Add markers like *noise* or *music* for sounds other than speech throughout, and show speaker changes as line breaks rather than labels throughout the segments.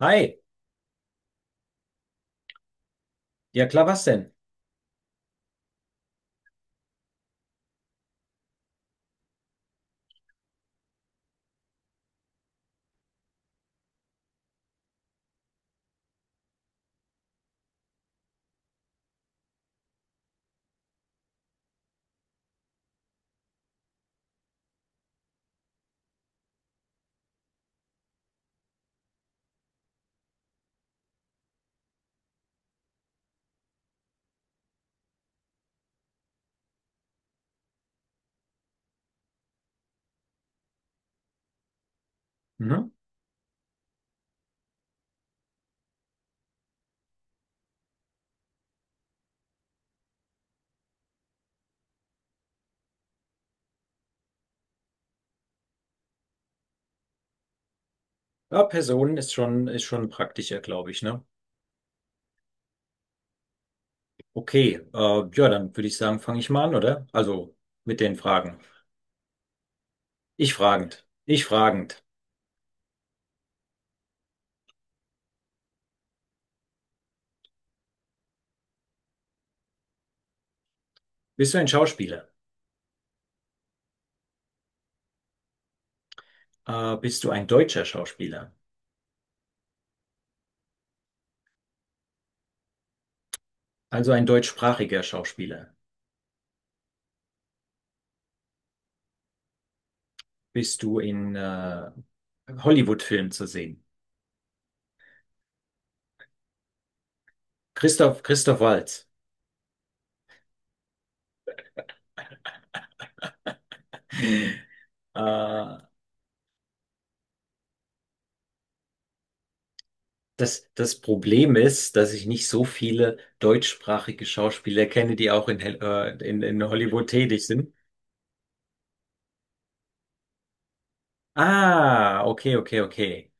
Hi, ja klar, was denn? Mhm. Ja, Personen ist schon praktischer, glaube ich, ne? Okay, ja, dann würde ich sagen, fange ich mal an, oder? Also mit den Fragen. Ich fragend, ich fragend. Bist du ein Schauspieler? Bist du ein deutscher Schauspieler? Also ein deutschsprachiger Schauspieler? Bist du in Hollywood-Filmen zu sehen? Christoph, Christoph Waltz. *laughs* Äh, das Problem ist, dass ich nicht so viele deutschsprachige Schauspieler kenne, die auch in Hollywood tätig sind. Ah, okay, okay, okay.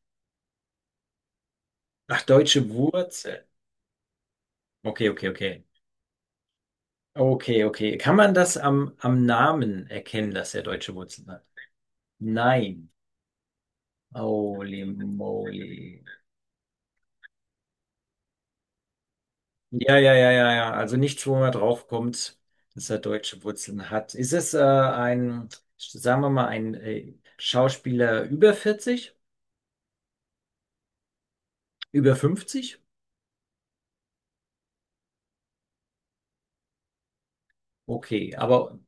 Ach, deutsche Wurzel. Okay, okay, okay. Okay, okay. Kann man das am, am Namen erkennen, dass er deutsche Wurzeln hat? Nein. Holy moly. Ja, ja, ja, ja, ja. Also nichts, wo man draufkommt, dass er deutsche Wurzeln hat. Ist es sagen wir mal, ein Schauspieler über 40? Über 50? Okay, aber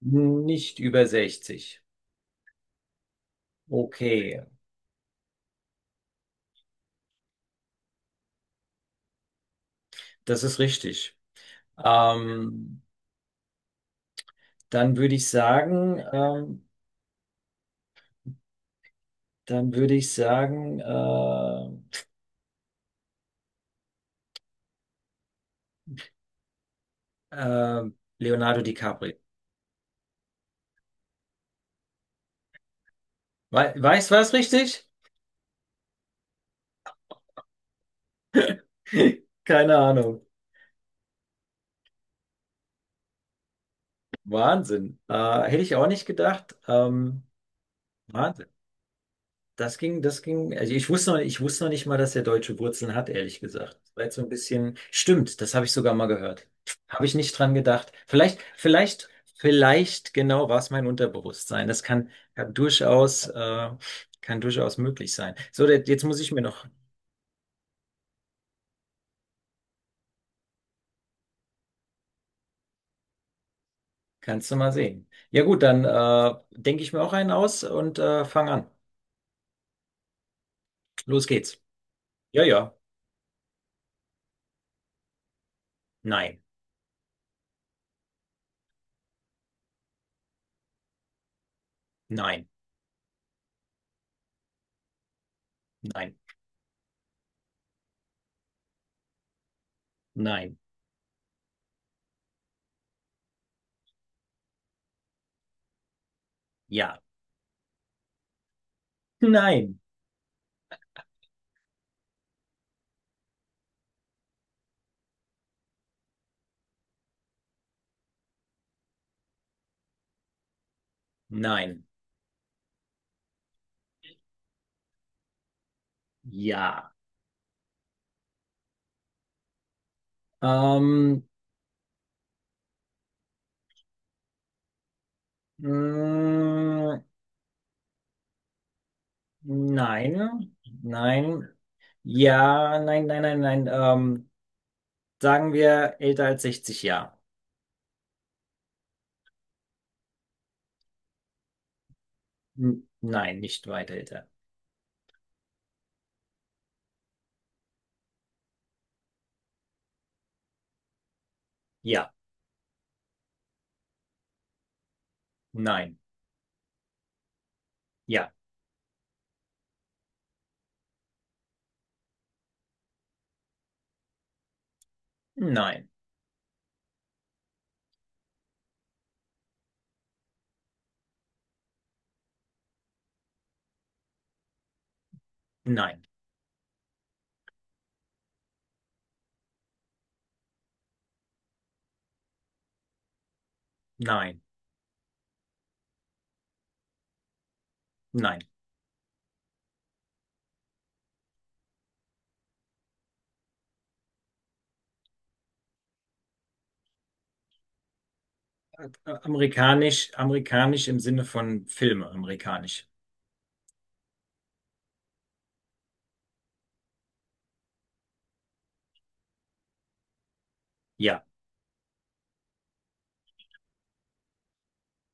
nicht über 60. Okay, das ist richtig. Ähm, dann würde ich sagen, dann würde ich sagen, äh, äh, Leonardo DiCaprio. We Weißt du was richtig? *laughs* Keine Ahnung. Wahnsinn. Hätte ich auch nicht gedacht. Wahnsinn. Das ging, also ich wusste noch nicht mal, dass er deutsche Wurzeln hat, ehrlich gesagt. Das war jetzt so ein bisschen, stimmt, das habe ich sogar mal gehört. Habe ich nicht dran gedacht. Vielleicht genau war es mein Unterbewusstsein. Das kann durchaus, kann durchaus möglich sein. So, jetzt muss ich mir noch, kannst du mal sehen. Ja gut, dann denke ich mir auch einen aus und fang an. Los geht's. Ja, ja. Nein, nein, nein, nein, ja. Nein, nein, ja. Ähm, Mm, nein, nein, ja, nein, nein, nein, nein. Sagen wir älter als 60 Jahre. Nein, nicht weit älter. Ja, nein, ja, nein, nein, nein, nein. Amerikanisch im Sinne von Filme, amerikanisch. Ja,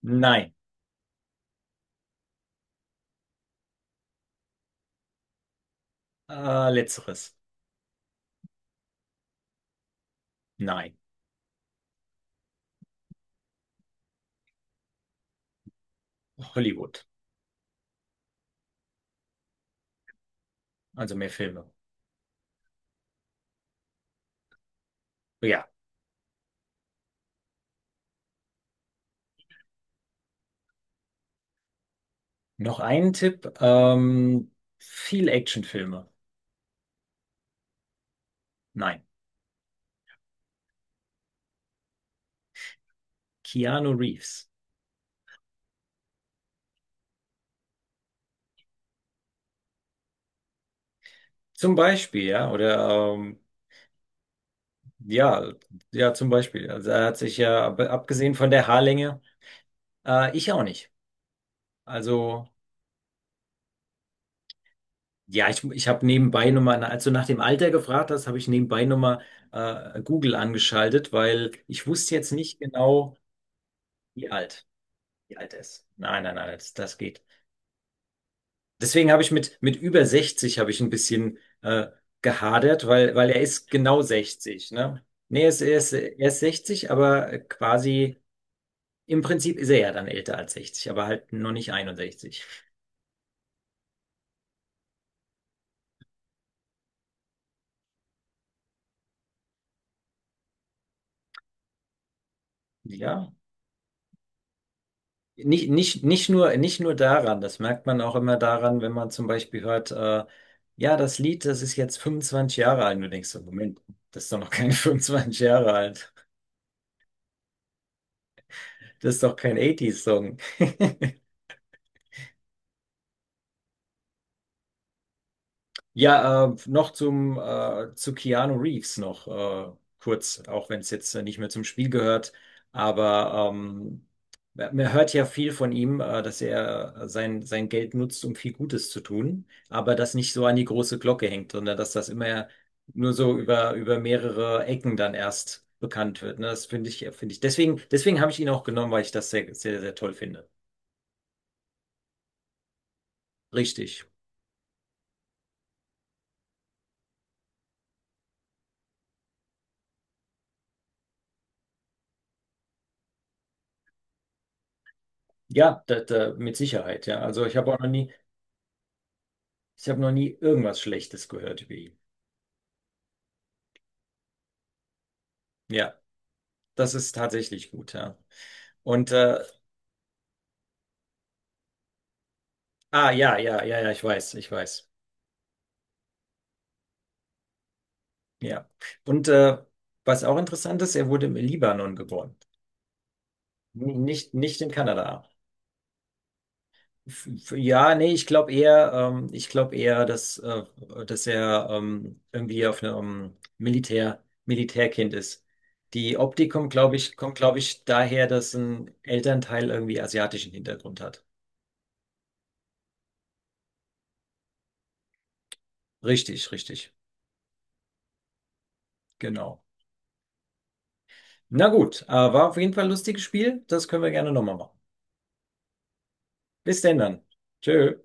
nein. Letzteres. Nein. Hollywood. Also mehr Filme. Ja. Noch einen Tipp. Viel Actionfilme. Nein. Keanu Reeves. Zum Beispiel, ja, oder ja, ja, zum Beispiel. Also er hat sich ja, abgesehen von der Haarlänge, ich auch nicht. Also, ja, ich habe nebenbei nochmal, als du nach dem Alter gefragt hast, habe ich nebenbei nochmal Google angeschaltet, weil ich wusste jetzt nicht genau, wie alt, wie alt er ist. Nein, nein, nein, das geht. Deswegen habe ich mit über 60 habe ich ein bisschen gehadert, weil er ist genau 60, ne? Nee, er ist 60, aber quasi im Prinzip ist er ja dann älter als 60, aber halt noch nicht 61. Ja. Nicht nur daran, das merkt man auch immer daran, wenn man zum Beispiel hört, ja, das Lied, das ist jetzt 25 Jahre alt. Und du denkst so, Moment, das ist doch noch keine 25 *laughs* Jahre alt. Das ist doch kein 80s-Song. Ja, zu Keanu Reeves noch kurz, auch wenn es jetzt nicht mehr zum Spiel gehört. Aber man hört ja viel von ihm, dass er sein Geld nutzt, um viel Gutes zu tun, aber das nicht so an die große Glocke hängt, sondern dass das immer nur so über mehrere Ecken dann erst bekannt wird. Ne? Finde ich. Deswegen, deswegen habe ich ihn auch genommen, weil ich das sehr, sehr, sehr toll finde. Richtig. Ja, da, da, mit Sicherheit, ja. Also ich habe auch noch nie. Ich habe noch nie irgendwas Schlechtes gehört über ihn. Ja, das ist tatsächlich gut, ja. Und ah ja, ja, ja, ja, ich weiß, ich weiß. Ja. Und was auch interessant ist, er wurde im Libanon geboren. Nicht, nicht in Kanada. Ja, nee, ich glaube eher, dass er irgendwie auf einem Militärkind ist. Die Optik kommt, glaube ich, daher, dass ein Elternteil irgendwie asiatischen Hintergrund hat. Richtig, richtig. Genau. Na gut, war auf jeden Fall ein lustiges Spiel. Das können wir gerne nochmal machen. Bis denn dann. Tschö.